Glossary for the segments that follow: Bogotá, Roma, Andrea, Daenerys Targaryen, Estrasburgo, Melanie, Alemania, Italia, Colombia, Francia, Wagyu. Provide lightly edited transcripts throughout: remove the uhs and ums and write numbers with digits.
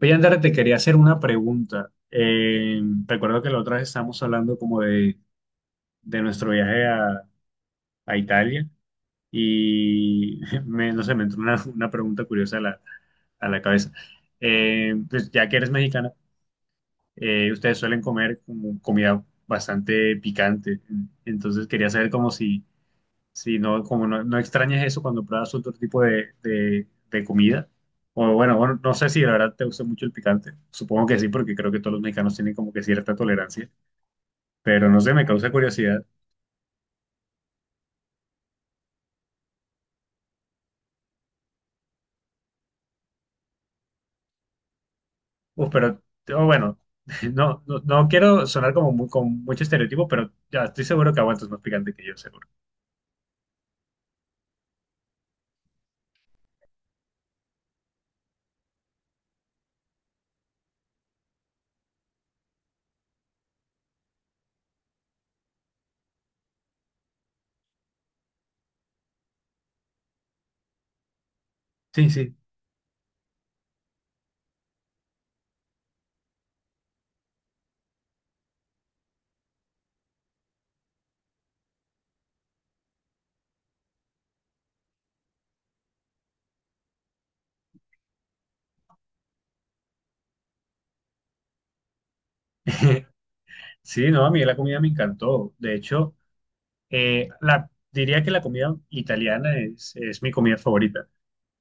Oye, Andrea, te quería hacer una pregunta. Recuerdo que la otra vez estábamos hablando como de nuestro viaje a Italia y no sé, me entró una pregunta curiosa a a la cabeza. Pues ya que eres mexicana, ustedes suelen comer como comida bastante picante, entonces quería saber como si, sí, no, como no extrañes eso cuando pruebas otro tipo de comida. O bueno, no sé si la verdad te gusta mucho el picante. Supongo que sí, porque creo que todos los mexicanos tienen como que cierta tolerancia. Pero no sé, me causa curiosidad. Uf, pero oh, bueno, no quiero sonar como con mucho estereotipo, pero ya estoy seguro que aguantas más picante que yo, seguro. Sí, sí. Sí, no, a mí la comida me encantó. De hecho, diría que la comida italiana es mi comida favorita.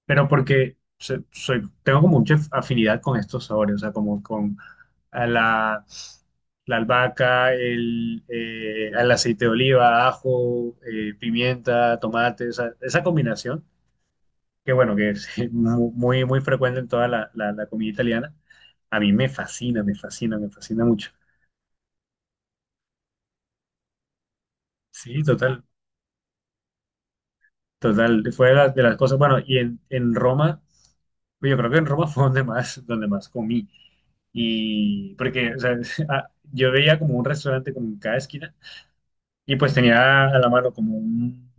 Pero porque soy, tengo como mucha afinidad con estos sabores, o sea, como con a la albahaca, al aceite de oliva, ajo, pimienta, tomate, o sea, esa combinación, que bueno, que es muy frecuente en toda la comida italiana, a mí me fascina, me fascina, me fascina mucho. Sí, total, total, fue de de las cosas, bueno, en Roma. Pues yo creo que en Roma fue donde más comí. Y porque, o sea, yo veía como un restaurante como en cada esquina y pues tenía a la mano como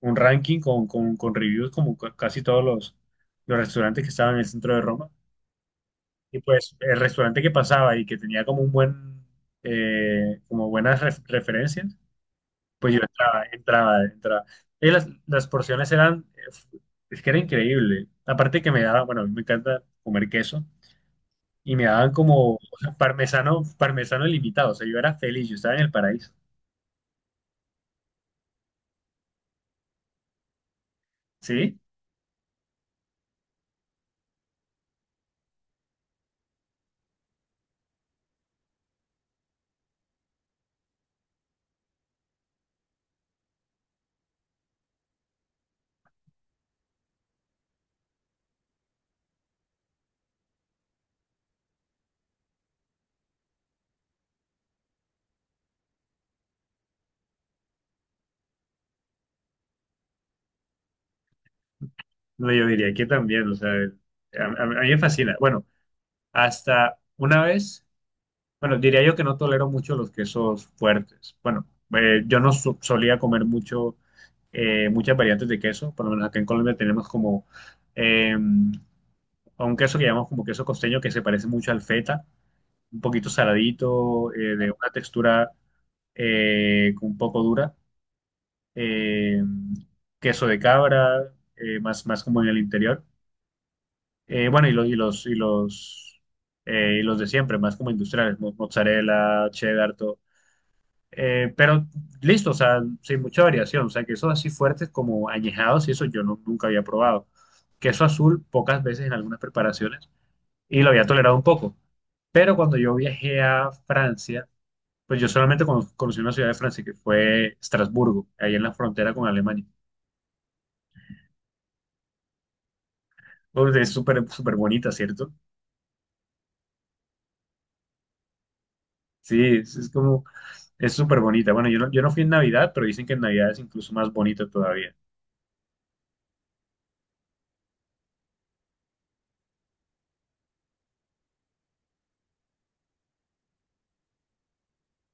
un ranking con reviews como casi todos los restaurantes que estaban en el centro de Roma. Y pues el restaurante que pasaba y que tenía como un como buenas referencias, pues yo entraba, entraba, entraba. Y las porciones es que era increíble. Aparte que me daba, bueno, a mí me encanta comer queso. Y me daban como parmesano, parmesano limitado. O sea, yo era feliz, yo estaba en el paraíso. ¿Sí? No, yo diría que también, o sea, a mí me fascina. Bueno, hasta una vez, bueno, diría yo que no tolero mucho los quesos fuertes. Bueno, yo no so- solía comer mucho, muchas variantes de queso, por lo menos acá en Colombia tenemos como eh, a un queso que llamamos como queso costeño que se parece mucho al feta, un poquito saladito, de una textura un poco dura, eh, queso de cabra, más, más como en el interior. Bueno, y y los de siempre, más como industriales, mozzarella, cheddar, todo. Pero listo, o sea, sin mucha variación, o sea, quesos así fuertes como añejados y eso yo nunca había probado. Queso azul pocas veces en algunas preparaciones y lo había tolerado un poco. Pero cuando yo viajé a Francia, pues yo solamente conocí una ciudad de Francia que fue Estrasburgo, ahí en la frontera con Alemania. Uf, es súper, súper bonita, ¿cierto? Sí, es como, es súper bonita. Bueno, yo no fui en Navidad, pero dicen que en Navidad es incluso más bonita todavía.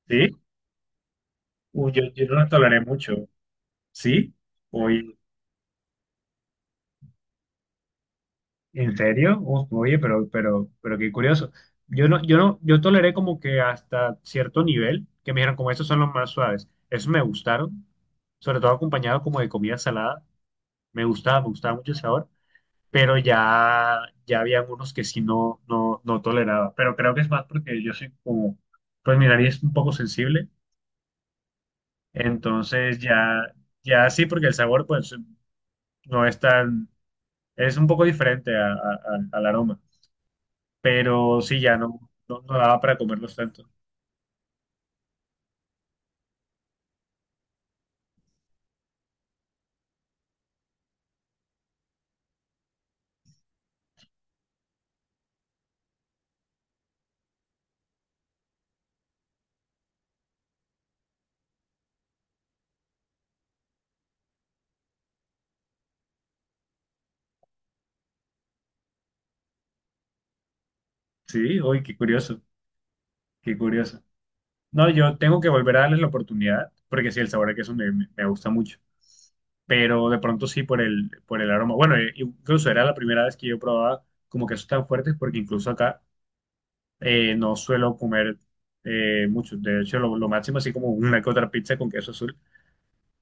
¿Sí? Uy, yo no la toleré mucho. ¿Sí? Oye, ¿en serio? Uf, oye, pero qué curioso. Yo no, yo no, yo toleré como que hasta cierto nivel, que me dijeron como estos son los más suaves. Esos me gustaron, sobre todo acompañado como de comida salada. Me gustaba mucho el sabor. Pero ya, ya había algunos que sí no, no, no toleraba. Pero creo que es más porque yo soy como, pues mi nariz es un poco sensible, entonces ya, ya sí, porque el sabor pues no es tan, es un poco diferente al aroma, pero sí, ya no, no, no daba para comerlos tanto. Sí, uy, qué curioso, qué curioso. No, yo tengo que volver a darles la oportunidad, porque sí, el sabor que queso me gusta mucho. Pero de pronto sí por por el aroma. Bueno, incluso era la primera vez que yo probaba como quesos tan fuertes, porque incluso acá no suelo comer mucho. De hecho, lo máximo así como una que otra pizza con queso azul.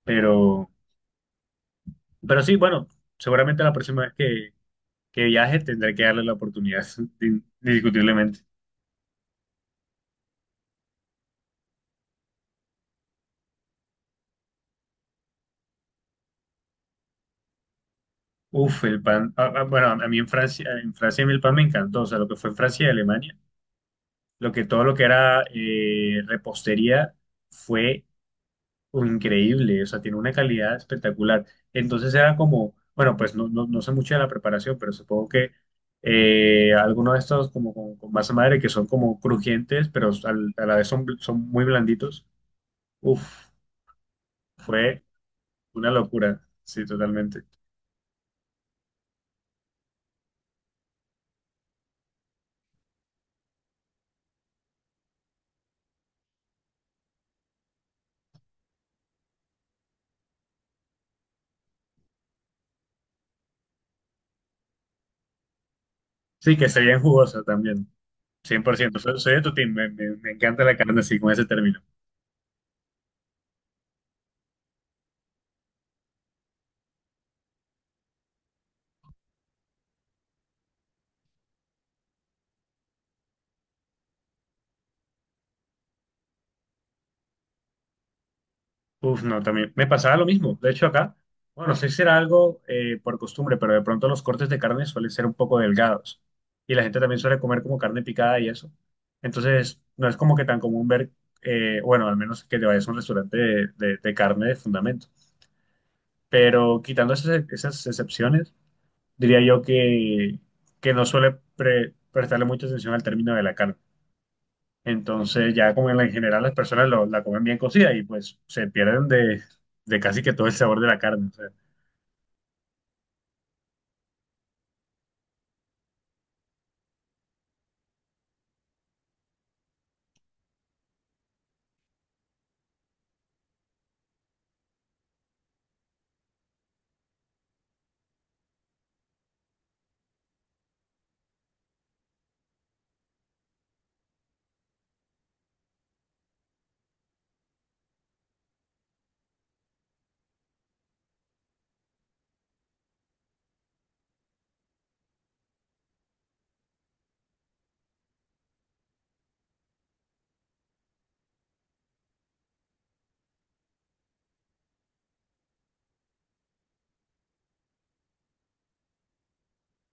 Pero, pero sí, bueno, seguramente la próxima vez que viaje tendré que darle la oportunidad, indiscutiblemente. Uf, el pan. Ah, ah, bueno, a mí en Francia a mí el pan me encantó. O sea, lo que fue en Francia y Alemania, lo que todo lo que era repostería fue o increíble, o sea, tiene una calidad espectacular. Entonces era como, bueno, pues no, no, no sé mucho de la preparación, pero supongo que algunos de estos como con masa madre que son como crujientes, pero a la vez son, son muy blanditos. Uf, fue una locura, sí, totalmente. Sí, que se veían jugosas también, 100%. Soy, soy de tu team, me encanta la carne así con ese término. Uf, no, también me pasaba lo mismo. De hecho, acá, bueno, no sé si era algo por costumbre, pero de pronto los cortes de carne suelen ser un poco delgados y la gente también suele comer como carne picada y eso. Entonces, no es como que tan común ver, bueno, al menos que te vayas a un restaurante de carne de fundamento. Pero quitando esas, esas excepciones, diría yo que no suele prestarle mucha atención al término de la carne. Entonces ya como en en general las personas la comen bien cocida y pues se pierden de casi que todo el sabor de la carne. O sea,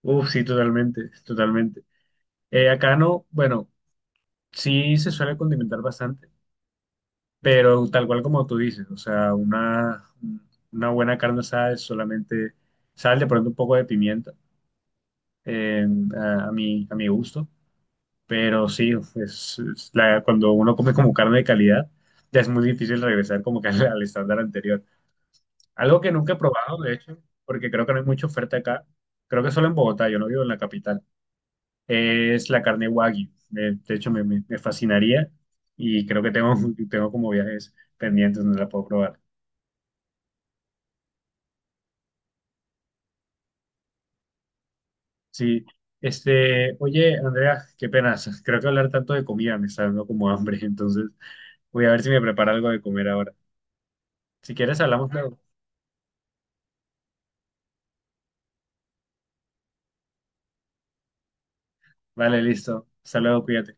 uf, sí, totalmente, totalmente. Acá no, bueno, sí se suele condimentar bastante, pero tal cual como tú dices, o sea, una buena carne asada es solamente sal, de pronto un poco de pimienta, eh, a mi gusto, pero sí, pues cuando uno come como carne de calidad, ya es muy difícil regresar como que al al estándar anterior. Algo que nunca he probado, de hecho, porque creo que no hay mucha oferta acá. Creo que solo en Bogotá, yo no vivo en la capital. Es la carne Wagyu. De hecho, me fascinaría y creo que tengo, tengo como viajes pendientes donde la puedo probar. Sí, este, oye, Andrea, qué pena. Creo que hablar tanto de comida me está dando como hambre, entonces voy a ver si me preparo algo de comer ahora. Si quieres, hablamos luego. Vale, listo. Hasta luego, cuídate.